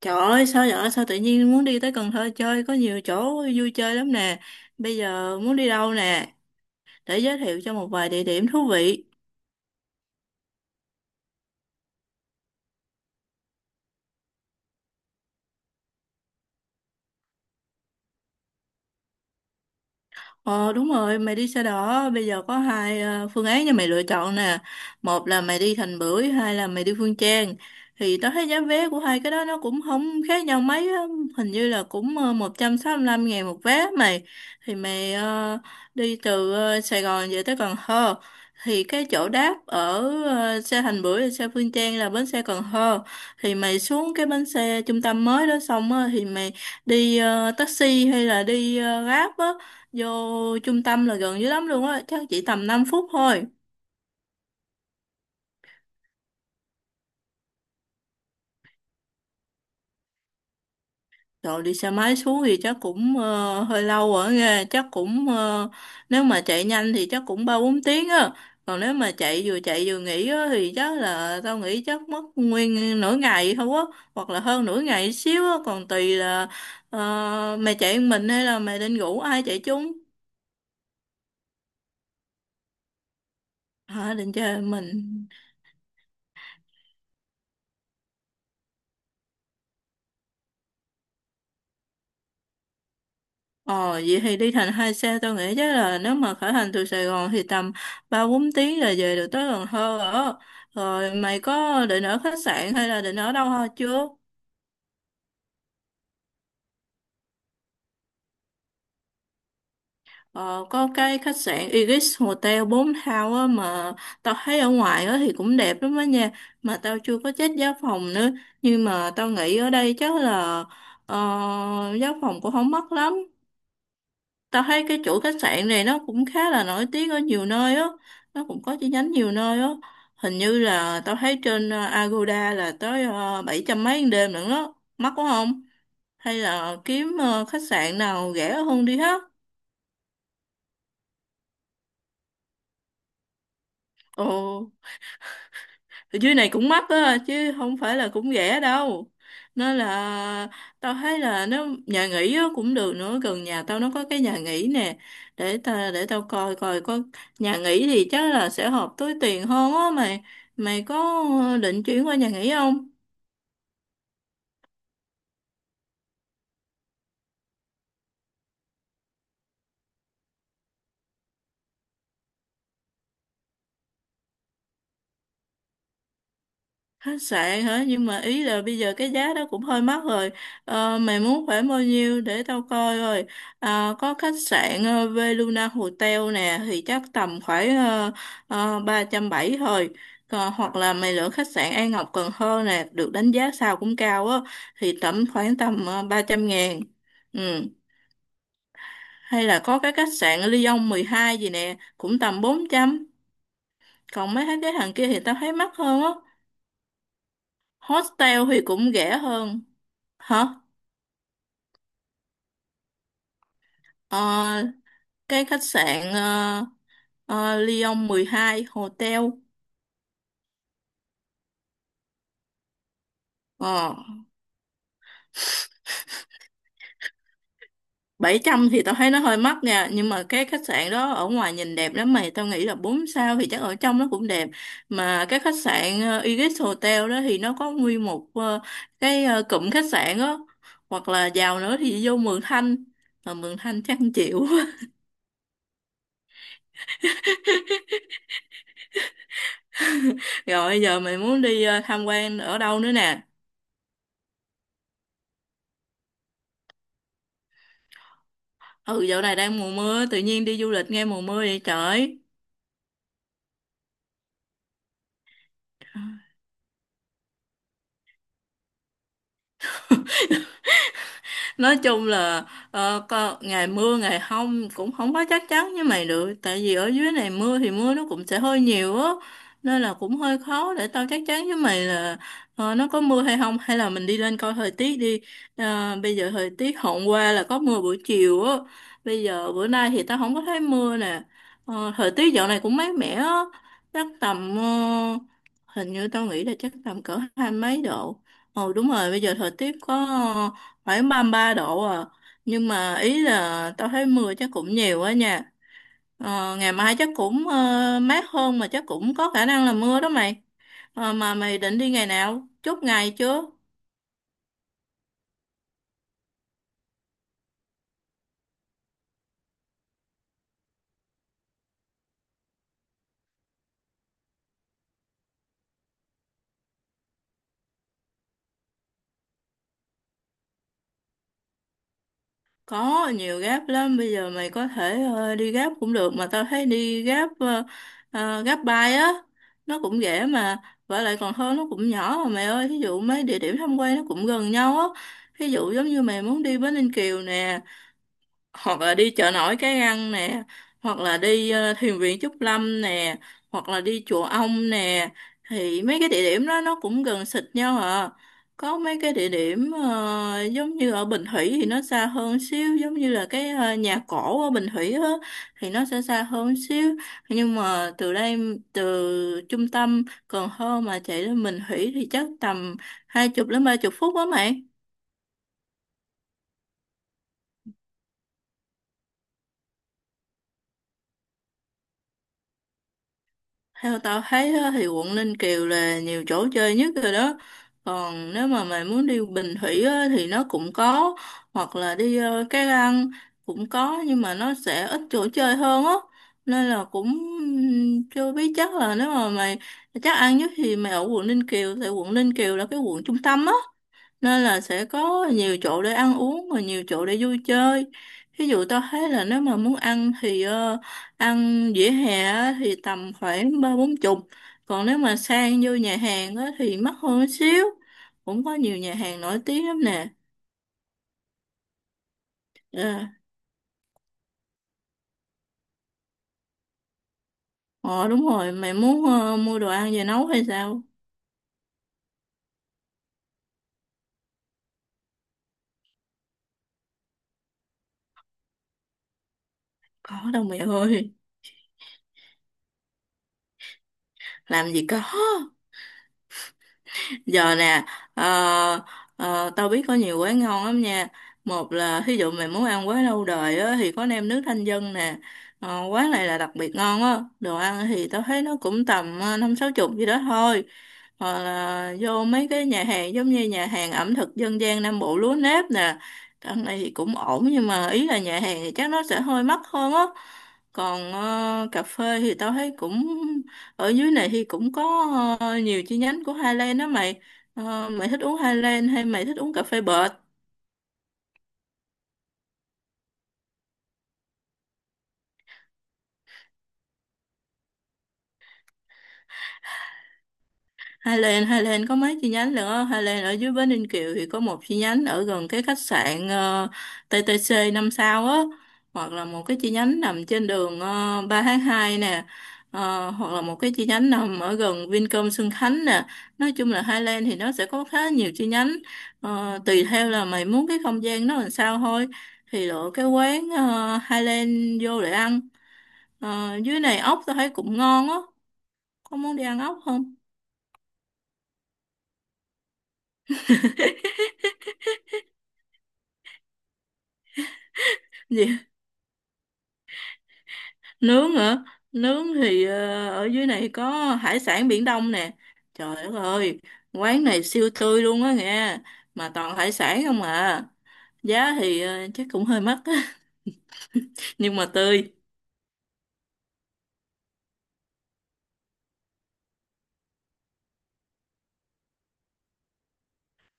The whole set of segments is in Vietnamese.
Trời ơi, sao vậy? Sao tự nhiên muốn đi tới Cần Thơ chơi? Có nhiều chỗ vui chơi lắm nè. Bây giờ muốn đi đâu nè? Để giới thiệu cho một vài địa điểm thú vị. Ờ đúng rồi, mày đi xe đỏ, bây giờ có hai phương án cho mày lựa chọn nè. Một là mày đi Thành Bưởi, hai là mày đi Phương Trang. Thì tao thấy giá vé của hai cái đó nó cũng không khác nhau mấy á, hình như là cũng 165.000 một vé mày. Thì mày đi từ Sài Gòn về tới Cần Thơ. Thì cái chỗ đáp ở xe Thành Bưởi và xe Phương Trang là bến xe Cần Thơ. Thì mày xuống cái bến xe trung tâm mới đó xong á, thì mày đi taxi hay là đi Grab á. Vô trung tâm là gần dưới lắm luôn á, chắc chỉ tầm 5 phút thôi. Rồi đi xe máy xuống thì chắc cũng hơi lâu ở nghe, chắc cũng nếu mà chạy nhanh thì chắc cũng 3 4 tiếng á. Còn nếu mà chạy vừa nghỉ á, thì chắc là tao nghĩ chắc mất nguyên nửa ngày thôi á, hoặc là hơn nửa ngày xíu á, còn tùy là mày chạy một mình hay là mày định rủ ai chạy chung. Hả, định chơi một mình. Ờ, vậy thì đi thành hai xe tôi nghĩ chắc là nếu mà khởi hành từ Sài Gòn thì tầm 3 4 tiếng là về được tới Cần Thơ rồi. Rồi mày có định ở khách sạn hay là định ở đâu thôi chưa? Ờ, có cái khách sạn Ibis Hotel 4 sao á mà tao thấy ở ngoài á thì cũng đẹp lắm á nha. Mà tao chưa có check giá phòng nữa. Nhưng mà tao nghĩ ở đây chắc là ờ, giá phòng cũng không mắc lắm. Tao thấy cái chuỗi khách sạn này nó cũng khá là nổi tiếng ở nhiều nơi á, nó cũng có chi nhánh nhiều nơi á. Hình như là tao thấy trên Agoda là tới 700 mấy một đêm nữa đó, mắc quá không? Hay là kiếm khách sạn nào rẻ hơn đi ha? Ồ. Ở dưới này cũng mắc á chứ không phải là cũng rẻ đâu, nên là tao thấy là nếu nhà nghỉ á, cũng được nữa. Gần nhà tao nó có cái nhà nghỉ nè, để ta để tao coi coi có. Nhà nghỉ thì chắc là sẽ hợp túi tiền hơn á mày. Mày có định chuyển qua nhà nghỉ không? Khách sạn hả, nhưng mà ý là bây giờ cái giá đó cũng hơi mắc rồi. Ờ, mày muốn khoảng bao nhiêu để tao coi rồi. À, có khách sạn Veluna Hotel nè thì chắc tầm khoảng 370 thôi. Còn, hoặc là mày lựa khách sạn An Ngọc Cần Thơ nè, được đánh giá sao cũng cao á, thì tầm khoảng tầm 300.000. Ừ. Hay là có cái khách sạn Lyon 12 gì nè cũng tầm 400. Còn mấy cái hàng kia thì tao thấy mắc hơn á. Hostel thì cũng rẻ hơn. Hả? Ờ, cái khách sạn Lyon 12 Hotel. ờ, 700 thì tao thấy nó hơi mắc nha, nhưng mà cái khách sạn đó ở ngoài nhìn đẹp lắm mày, tao nghĩ là 4 sao thì chắc ở trong nó cũng đẹp. Mà cái khách sạn Iris Hotel đó thì nó có nguyên một cái cụm khách sạn đó. Hoặc là giàu nữa thì vô Mường Thanh, mà Mường Thanh chắc không chịu. Rồi giờ mày muốn đi tham quan ở đâu nữa nè? Ừ, dạo này đang mùa mưa, tự nhiên đi du lịch nghe mùa mưa vậy trời. Nói chung là có, ngày mưa ngày không cũng không có chắc chắn với mày được, tại vì ở dưới này mưa thì mưa nó cũng sẽ hơi nhiều á, nên là cũng hơi khó để tao chắc chắn với mày là nó có mưa hay không, hay là mình đi lên coi thời tiết đi. Ờ, bây giờ thời tiết hôm qua là có mưa buổi chiều á, bây giờ bữa nay thì tao không có thấy mưa nè. Ờ, thời tiết dạo này cũng mát mẻ á, chắc tầm hình như tao nghĩ là chắc tầm cỡ 20 mấy độ. Ồ đúng rồi, bây giờ thời tiết có phải 33 độ à, nhưng mà ý là tao thấy mưa chắc cũng nhiều á nha. Ờ, ngày mai chắc cũng mát hơn mà chắc cũng có khả năng là mưa đó mày. Ờ, mà mày định đi ngày nào, chốt ngày chưa? Có nhiều gáp lắm, bây giờ mày có thể đi gáp cũng được, mà tao thấy đi gáp gáp á, nó cũng rẻ mà. Và lại còn hơn nó cũng nhỏ mà mày ơi, thí dụ mấy địa điểm tham quan nó cũng gần nhau á. Thí dụ giống như mày muốn đi Bến Ninh Kiều nè, hoặc là đi chợ nổi Cái Răng nè, hoặc là đi thiền viện Trúc Lâm nè, hoặc là đi chùa Ông nè. Thì mấy cái địa điểm đó nó cũng gần xịt nhau à. Có mấy cái địa điểm giống như ở Bình Thủy thì nó xa hơn xíu, giống như là cái nhà cổ ở Bình Thủy á thì nó sẽ xa hơn xíu. Nhưng mà từ đây, từ trung tâm Cần Thơ mà chạy lên Bình Thủy thì chắc tầm 20 đến 30 phút á mày. Theo tao thấy á, thì quận Ninh Kiều là nhiều chỗ chơi nhất rồi đó. Còn nếu mà mày muốn đi Bình Thủy á, thì nó cũng có. Hoặc là đi Cái Răng cũng có, nhưng mà nó sẽ ít chỗ chơi hơn á. Nên là cũng chưa biết, chắc là nếu mà mày chắc ăn nhất thì mày ở quận Ninh Kiều. Tại quận Ninh Kiều là cái quận trung tâm á, nên là sẽ có nhiều chỗ để ăn uống và nhiều chỗ để vui chơi. Ví dụ tao thấy là nếu mà muốn ăn thì ăn vỉa hè á thì tầm khoảng 3 4 chục. Còn nếu mà sang vô nhà hàng á thì mắc hơn một xíu, cũng có nhiều nhà hàng nổi tiếng lắm nè. ờ ờ, Đúng rồi, mày muốn mua đồ ăn về nấu hay sao? Có đâu mẹ ơi, làm gì có. Giờ nè, ờ, tao biết có nhiều quán ngon lắm nha. Một là thí dụ mày muốn ăn quán lâu đời á, thì có nem nước thanh dân nè. Ờ, quán này là đặc biệt ngon á, đồ ăn thì tao thấy nó cũng tầm 5 6 chục gì đó thôi. Hoặc là vô mấy cái nhà hàng, giống như nhà hàng ẩm thực dân gian Nam Bộ Lúa Nếp nè. Ăn này thì cũng ổn, nhưng mà ý là nhà hàng thì chắc nó sẽ hơi mắc hơn á. Còn cà phê thì tao thấy cũng ở dưới này thì cũng có nhiều chi nhánh của Highland đó mày. Ờ, mày thích uống Highland hay mày thích uống cà phê bệt? Highland có mấy chi nhánh lận á. Highland ở dưới Bến Ninh Kiều thì có một chi nhánh ở gần cái khách sạn TTC 5 sao á. Hoặc là một cái chi nhánh nằm trên đường 3 tháng 2 nè. Ờ, hoặc là một cái chi nhánh nằm ở gần Vincom Xuân Khánh nè. Nói chung là Highland thì nó sẽ có khá nhiều chi nhánh. Ờ, tùy theo là mày muốn cái không gian nó làm sao thôi. Thì lựa cái quán Highland vô để ăn. Ờ, dưới này ốc tao thấy cũng ngon á. Có muốn đi ăn ốc không? Gì? Nướng hả? Nướng thì ở dưới này có hải sản Biển Đông nè. Trời đất ơi, quán này siêu tươi luôn á nghe. Mà toàn hải sản không à. Giá thì chắc cũng hơi mắc á. Nhưng mà tươi.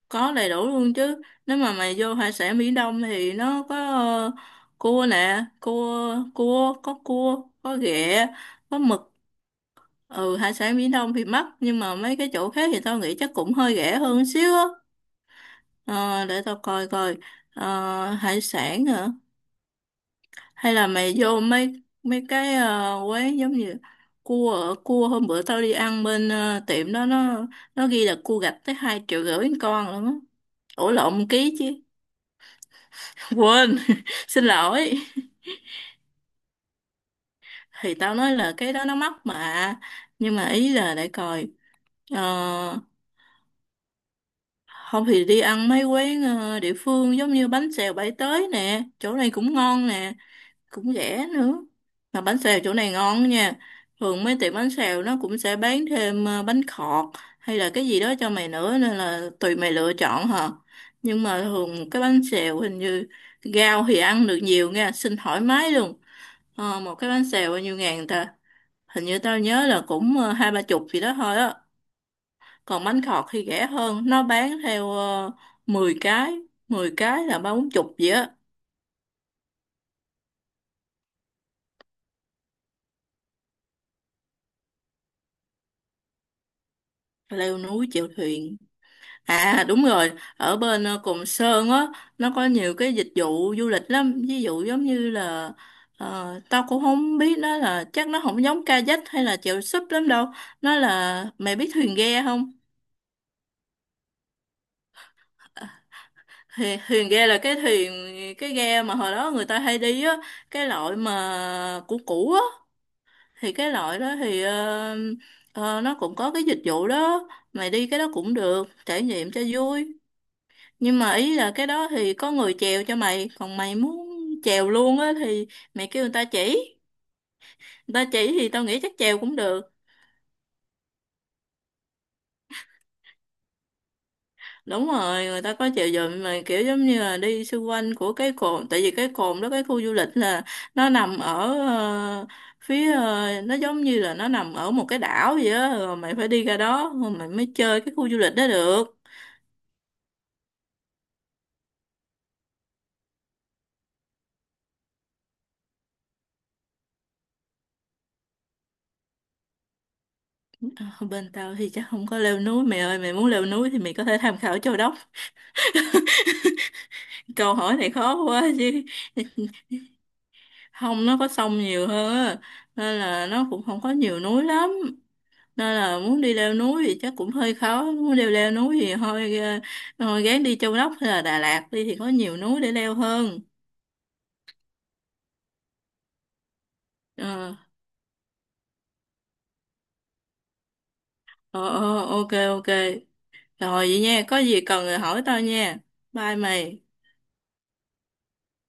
Có đầy đủ luôn chứ. Nếu mà mày vô hải sản Biển Đông thì nó có cua nè. Cua, cua, có ghẹ, có mực. Ừ, hải sản Biển Đông thì mắc, nhưng mà mấy cái chỗ khác thì tao nghĩ chắc cũng hơi rẻ hơn xíu á. Ờ, để tao coi coi. Ờ, hải sản hả, hay là mày vô mấy mấy cái quán giống như cua ở- cua hôm bữa tao đi ăn bên tiệm đó nó ghi là cua gạch tới 2,5 triệu một con luôn á. Ủa lộn, một ký chứ. Quên, xin lỗi. Thì tao nói là cái đó nó mắc mà, nhưng mà ý là để coi. Ờ, không thì đi ăn mấy quán địa phương giống như bánh xèo Bãi Tới nè, chỗ này cũng ngon nè, cũng rẻ nữa. Mà bánh xèo chỗ này ngon nha. Thường mấy tiệm bánh xèo nó cũng sẽ bán thêm bánh khọt hay là cái gì đó cho mày nữa, nên là tùy mày lựa chọn hả. Nhưng mà thường cái bánh xèo hình như rau thì ăn được nhiều nha, xin thoải mái luôn. Ờ, một cái bánh xèo bao nhiêu ngàn ta? Hình như tao nhớ là cũng 2 3 chục gì đó thôi á. Còn bánh khọt thì rẻ hơn, nó bán theo uh, 10 cái, 10 cái là 3 4 chục vậy á. Leo núi chèo thuyền. À đúng rồi, ở bên Cồn Sơn á nó có nhiều cái dịch vụ du lịch lắm, ví dụ giống như là tao cũng không biết nó là chắc nó không giống kayak hay là chèo súp lắm đâu. Nó là mày biết thuyền ghe không? Thuyền ghe là cái thuyền, cái ghe mà hồi đó người ta hay đi á, cái loại mà cũ cũ á. Thì cái loại đó thì nó cũng có cái dịch vụ đó. Mày đi cái đó cũng được, trải nghiệm cho vui. Nhưng mà ý là cái đó thì có người chèo cho mày, còn mày muốn chèo luôn á thì mày kêu người ta chỉ, người ta chỉ thì tao nghĩ chắc chèo cũng được. Đúng rồi, người ta có chèo giùm, mà kiểu giống như là đi xung quanh của cái cồn. Tại vì cái cồn đó, cái khu du lịch là nó nằm ở phía nó giống như là nó nằm ở một cái đảo vậy á, rồi mày phải đi ra đó rồi mày mới chơi cái khu du lịch đó được. Ờ, bên tao thì chắc không có leo núi mày ơi, mày muốn leo núi thì mày có thể tham khảo Châu Đốc. Câu hỏi này khó quá chứ. Không, nó có sông nhiều hơn á, nên là nó cũng không có nhiều núi lắm, nên là muốn đi leo núi thì chắc cũng hơi khó. Muốn leo leo núi thì thôi thôi gán đi Châu Đốc hay là Đà Lạt đi thì có nhiều núi để leo hơn. ờ ờ, ok ok. Rồi vậy nha, có gì cần thì hỏi tao nha. Bye mày.